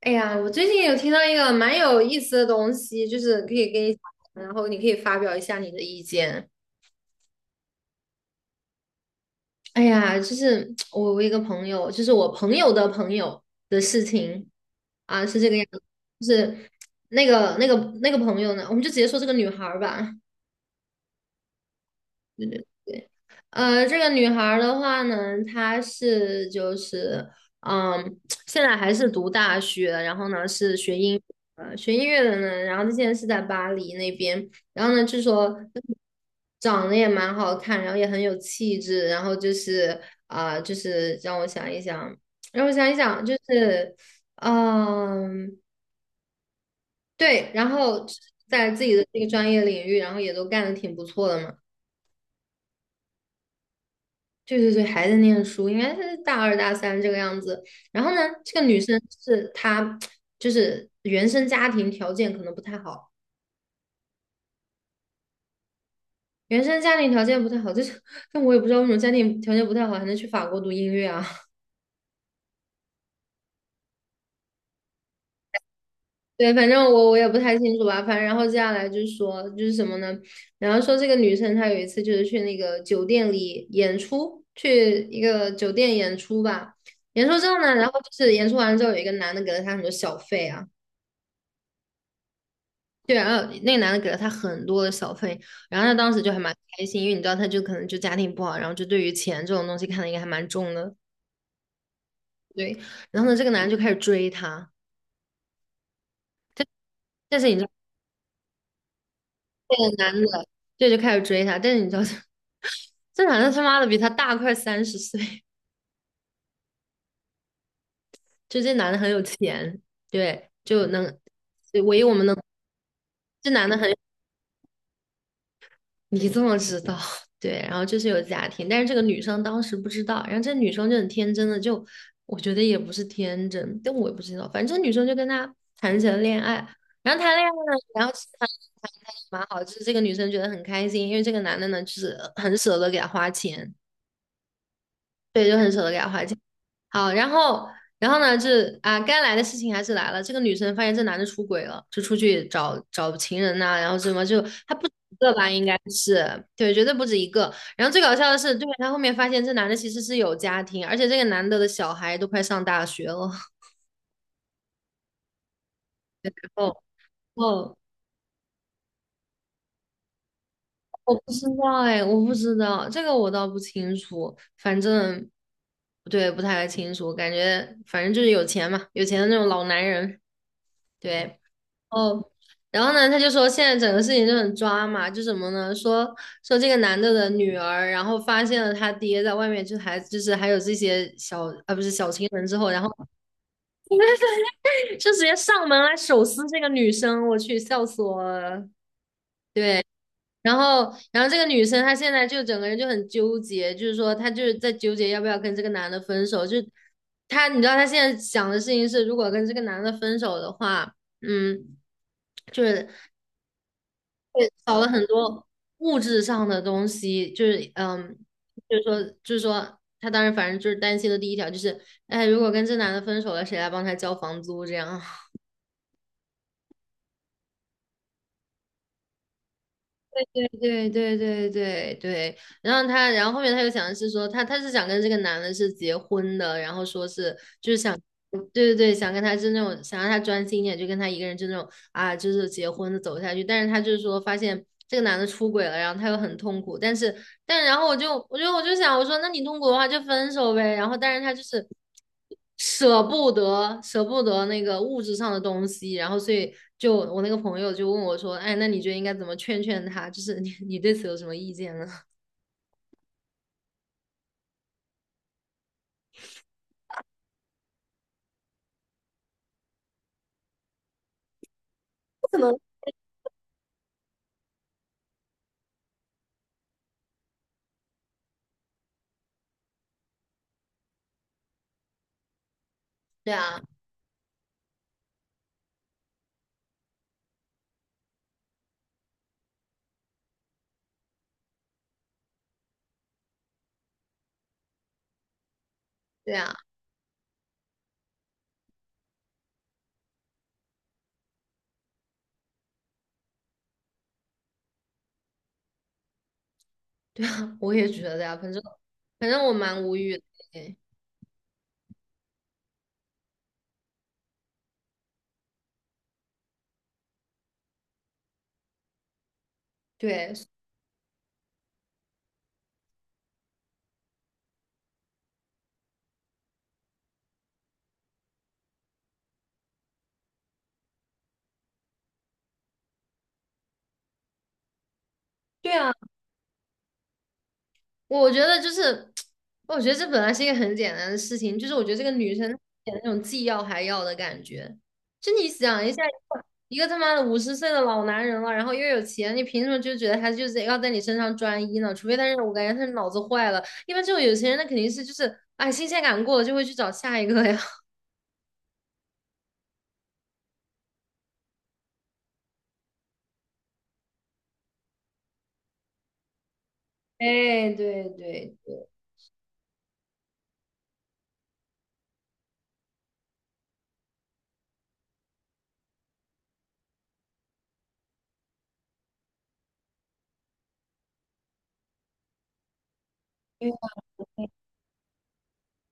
哎呀，我最近有听到一个蛮有意思的东西，就是可以跟你讲然后你可以发表一下你的意见。哎呀，就是我一个朋友，就是我朋友的朋友的事情啊，是这个样子，就是那个那个那个朋友呢，我们就直接说这个女孩儿吧。这个女孩儿的话呢，她是就是，嗯，现在还是读大学，然后呢是学音乐的呢，然后她现在是在巴黎那边，然后呢据说长得也蛮好看，然后也很有气质，然后就是就是让我想一想,就是，嗯，对，然后在自己的这个专业领域，然后也都干得挺不错的嘛。对对对，还在念书，应该是大二大三这个样子。然后呢，这个女生是她，就是原生家庭条件可能不太好，原生家庭条件不太好，就是但我也不知道为什么家庭条件不太好还能去法国读音乐啊。对，反正我也不太清楚吧。反正然后接下来就是说就是什么呢？然后说这个女生她有一次就是去那个酒店里演出，去一个酒店演出吧。演出之后呢，然后就是演出完了之后有一个男的给了她很多小费啊。对，然后那个男的给了他很多的小费，然后他当时就还蛮开心，因为你知道，他就可能就家庭不好，然后就对于钱这种东西看的应该还蛮重的，对。然后呢，这个男的就开始追她，但是你知道，这个男的对就开始追她，但是你知道，这 这男的他妈的比她大快30岁，就这男的很有钱，对，就能，对唯一我们能，这男的很。你怎么知道？对，然后就是有家庭，但是这个女生当时不知道，然后这女生就很天真的就，我觉得也不是天真，但我也不知道，反正这女生就跟他谈起了恋爱，然后谈恋爱呢，然后其实谈的蛮好，就是这个女生觉得很开心，因为这个男的呢就是很舍得给她花钱，对，就很舍得给他花钱。好，然后，然后呢，这啊，该来的事情还是来了。这个女生发现这男的出轨了，就出去找找情人呐、然后什么就他不止一个吧，应该是对，绝对不止一个。然后最搞笑的是，对，他后面发现这男的其实是有家庭，而且这个男的的小孩都快上大学了。哦哦，我不知道哎，我不知道这个我倒不清楚，反正对不太清楚，感觉反正就是有钱嘛，有钱的那种老男人，对。哦，然后呢，他就说现在整个事情就很抓嘛，就什么呢？说说这个男的的女儿，然后发现了他爹在外面，就还就是还有这些小啊不是小情人之后，然后就直接上门来手撕这个女生，我去，笑死我了。对，然后这个女生她现在就整个人就很纠结，就是说她就是在纠结要不要跟这个男的分手，就她你知道她现在想的事情是，如果跟这个男的分手的话。嗯，就是对，少了很多物质上的东西，就是嗯，就是说,他当时反正就是担心的第一条就是，哎，如果跟这男的分手了，谁来帮他交房租这样？对对对对对，对。然后他，然后后面他又想的是说，他是想跟这个男的是结婚的，然后说是就是想，对对对，想跟他是那种想让他专心一点，就跟他一个人就那种啊，就是结婚的走下去。但是他就是说发现这个男的出轨了，然后他又很痛苦，但是但然后我就想，我说那你痛苦的话就分手呗。然后但是他就是舍不得那个物质上的东西，然后所以就我那个朋友就问我说，哎，那你觉得应该怎么劝劝他？就是你你对此有什么意见呢？对啊，对啊，对啊，我也觉得呀、反正反正我蛮无语的。对对啊，我觉得就是，我觉得这本来是一个很简单的事情，就是我觉得这个女生有那种既要还要的感觉。就你想一下，一个他妈的50岁的老男人了，然后又有钱，你凭什么就觉得他就是要在你身上专一呢？除非他是我感觉他是脑子坏了，一般这种有钱人那肯定是就是，哎，新鲜感过了就会去找下一个呀。哎，对对对，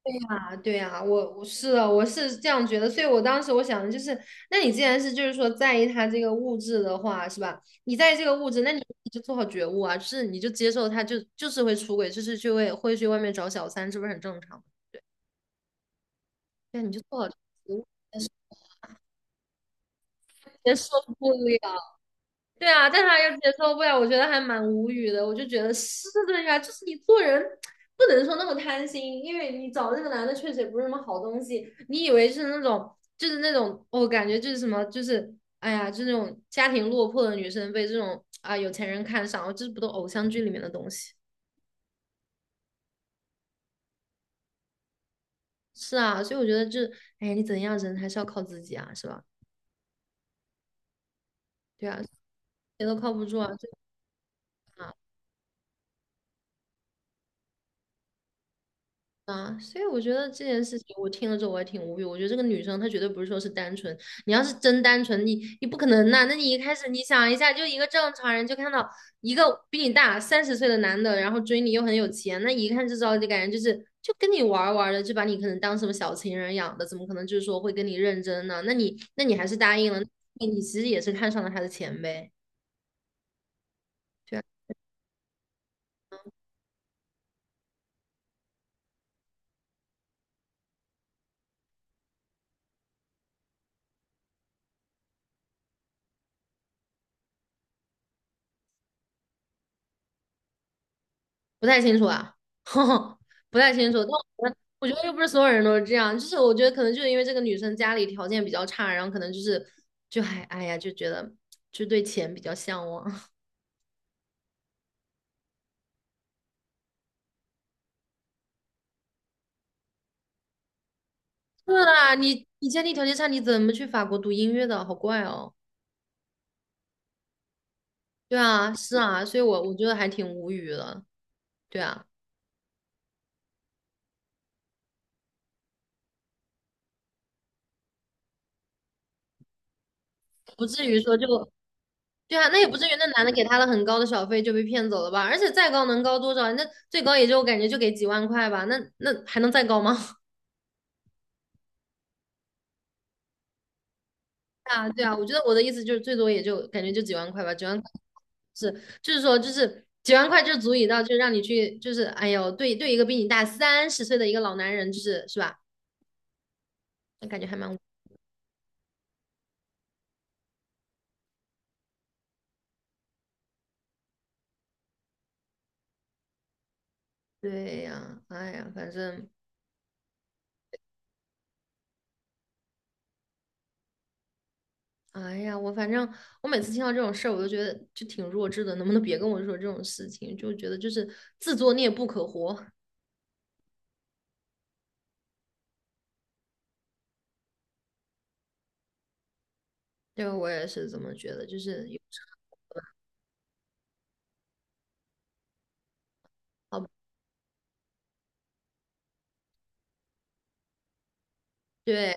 对呀，对呀，我是的，我是这样觉得，所以我当时我想的就是，那你既然是就是说在意他这个物质的话，是吧？你在意这个物质，那你就做好觉悟啊，就是你就接受他就就是会出轨，就是去会会去外面找小三，这不是很正常对啊你就做好觉悟，但是接受不了。对啊，但是他又接受不了，我觉得还蛮无语的。我就觉得是的呀，就是你做人不能说那么贪心，因为你找那个男的确实也不是什么好东西。你以为是那种，就是那种，我、感觉就是什么，就是哎呀，就那种家庭落魄的女生被这种啊有钱人看上，哦这不都偶像剧里面的东西？是啊，所以我觉得这，哎，你怎样人还是要靠自己啊，是吧？对啊，谁都靠不住啊，对吧？啊，所以我觉得这件事情，我听了之后我也挺无语。我觉得这个女生她绝对不是说是单纯，你要是真单纯，你不可能呐、那你一开始你想一下，就一个正常人就看到一个比你大三十岁的男的，然后追你又很有钱，那一看就知道就感觉就是就跟你玩儿玩儿的，就把你可能当什么小情人养的，怎么可能就是说会跟你认真呢？那你那你还是答应了，你其实也是看上了他的钱呗。对。不太清楚啊，不太清楚。但我觉得，我觉得又不是所有人都是这样，就是我觉得可能就是因为这个女生家里条件比较差，然后可能就是就还哎呀，就觉得就对钱比较向往。是啊，你家里条件差，你怎么去法国读音乐的？好怪哦。对啊，是啊，所以我觉得还挺无语的。对啊，不至于说就对啊，那也不至于，那男的给他了很高的小费就被骗走了吧？而且再高能高多少？那最高也就我感觉就给几万块吧，那那还能再高吗？啊，对啊，我觉得我的意思就是最多也就感觉就几万块吧，几万块是就是说就是几万块就足以到就让你去就是哎呦对对一个比你大三十岁的一个老男人就是是吧？那感觉还蛮对呀，哎呀，反正哎呀，我反正我每次听到这种事儿，我都觉得就挺弱智的，能不能别跟我说这种事情？就觉得就是自作孽不可活，这个我也是这么觉得，就是有时候好对。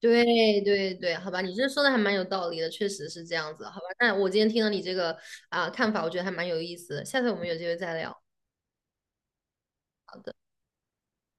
对对对，好吧，你这说的还蛮有道理的，确实是这样子，好吧。那我今天听了你这个啊、看法，我觉得还蛮有意思的，下次我们有机会再聊。好的。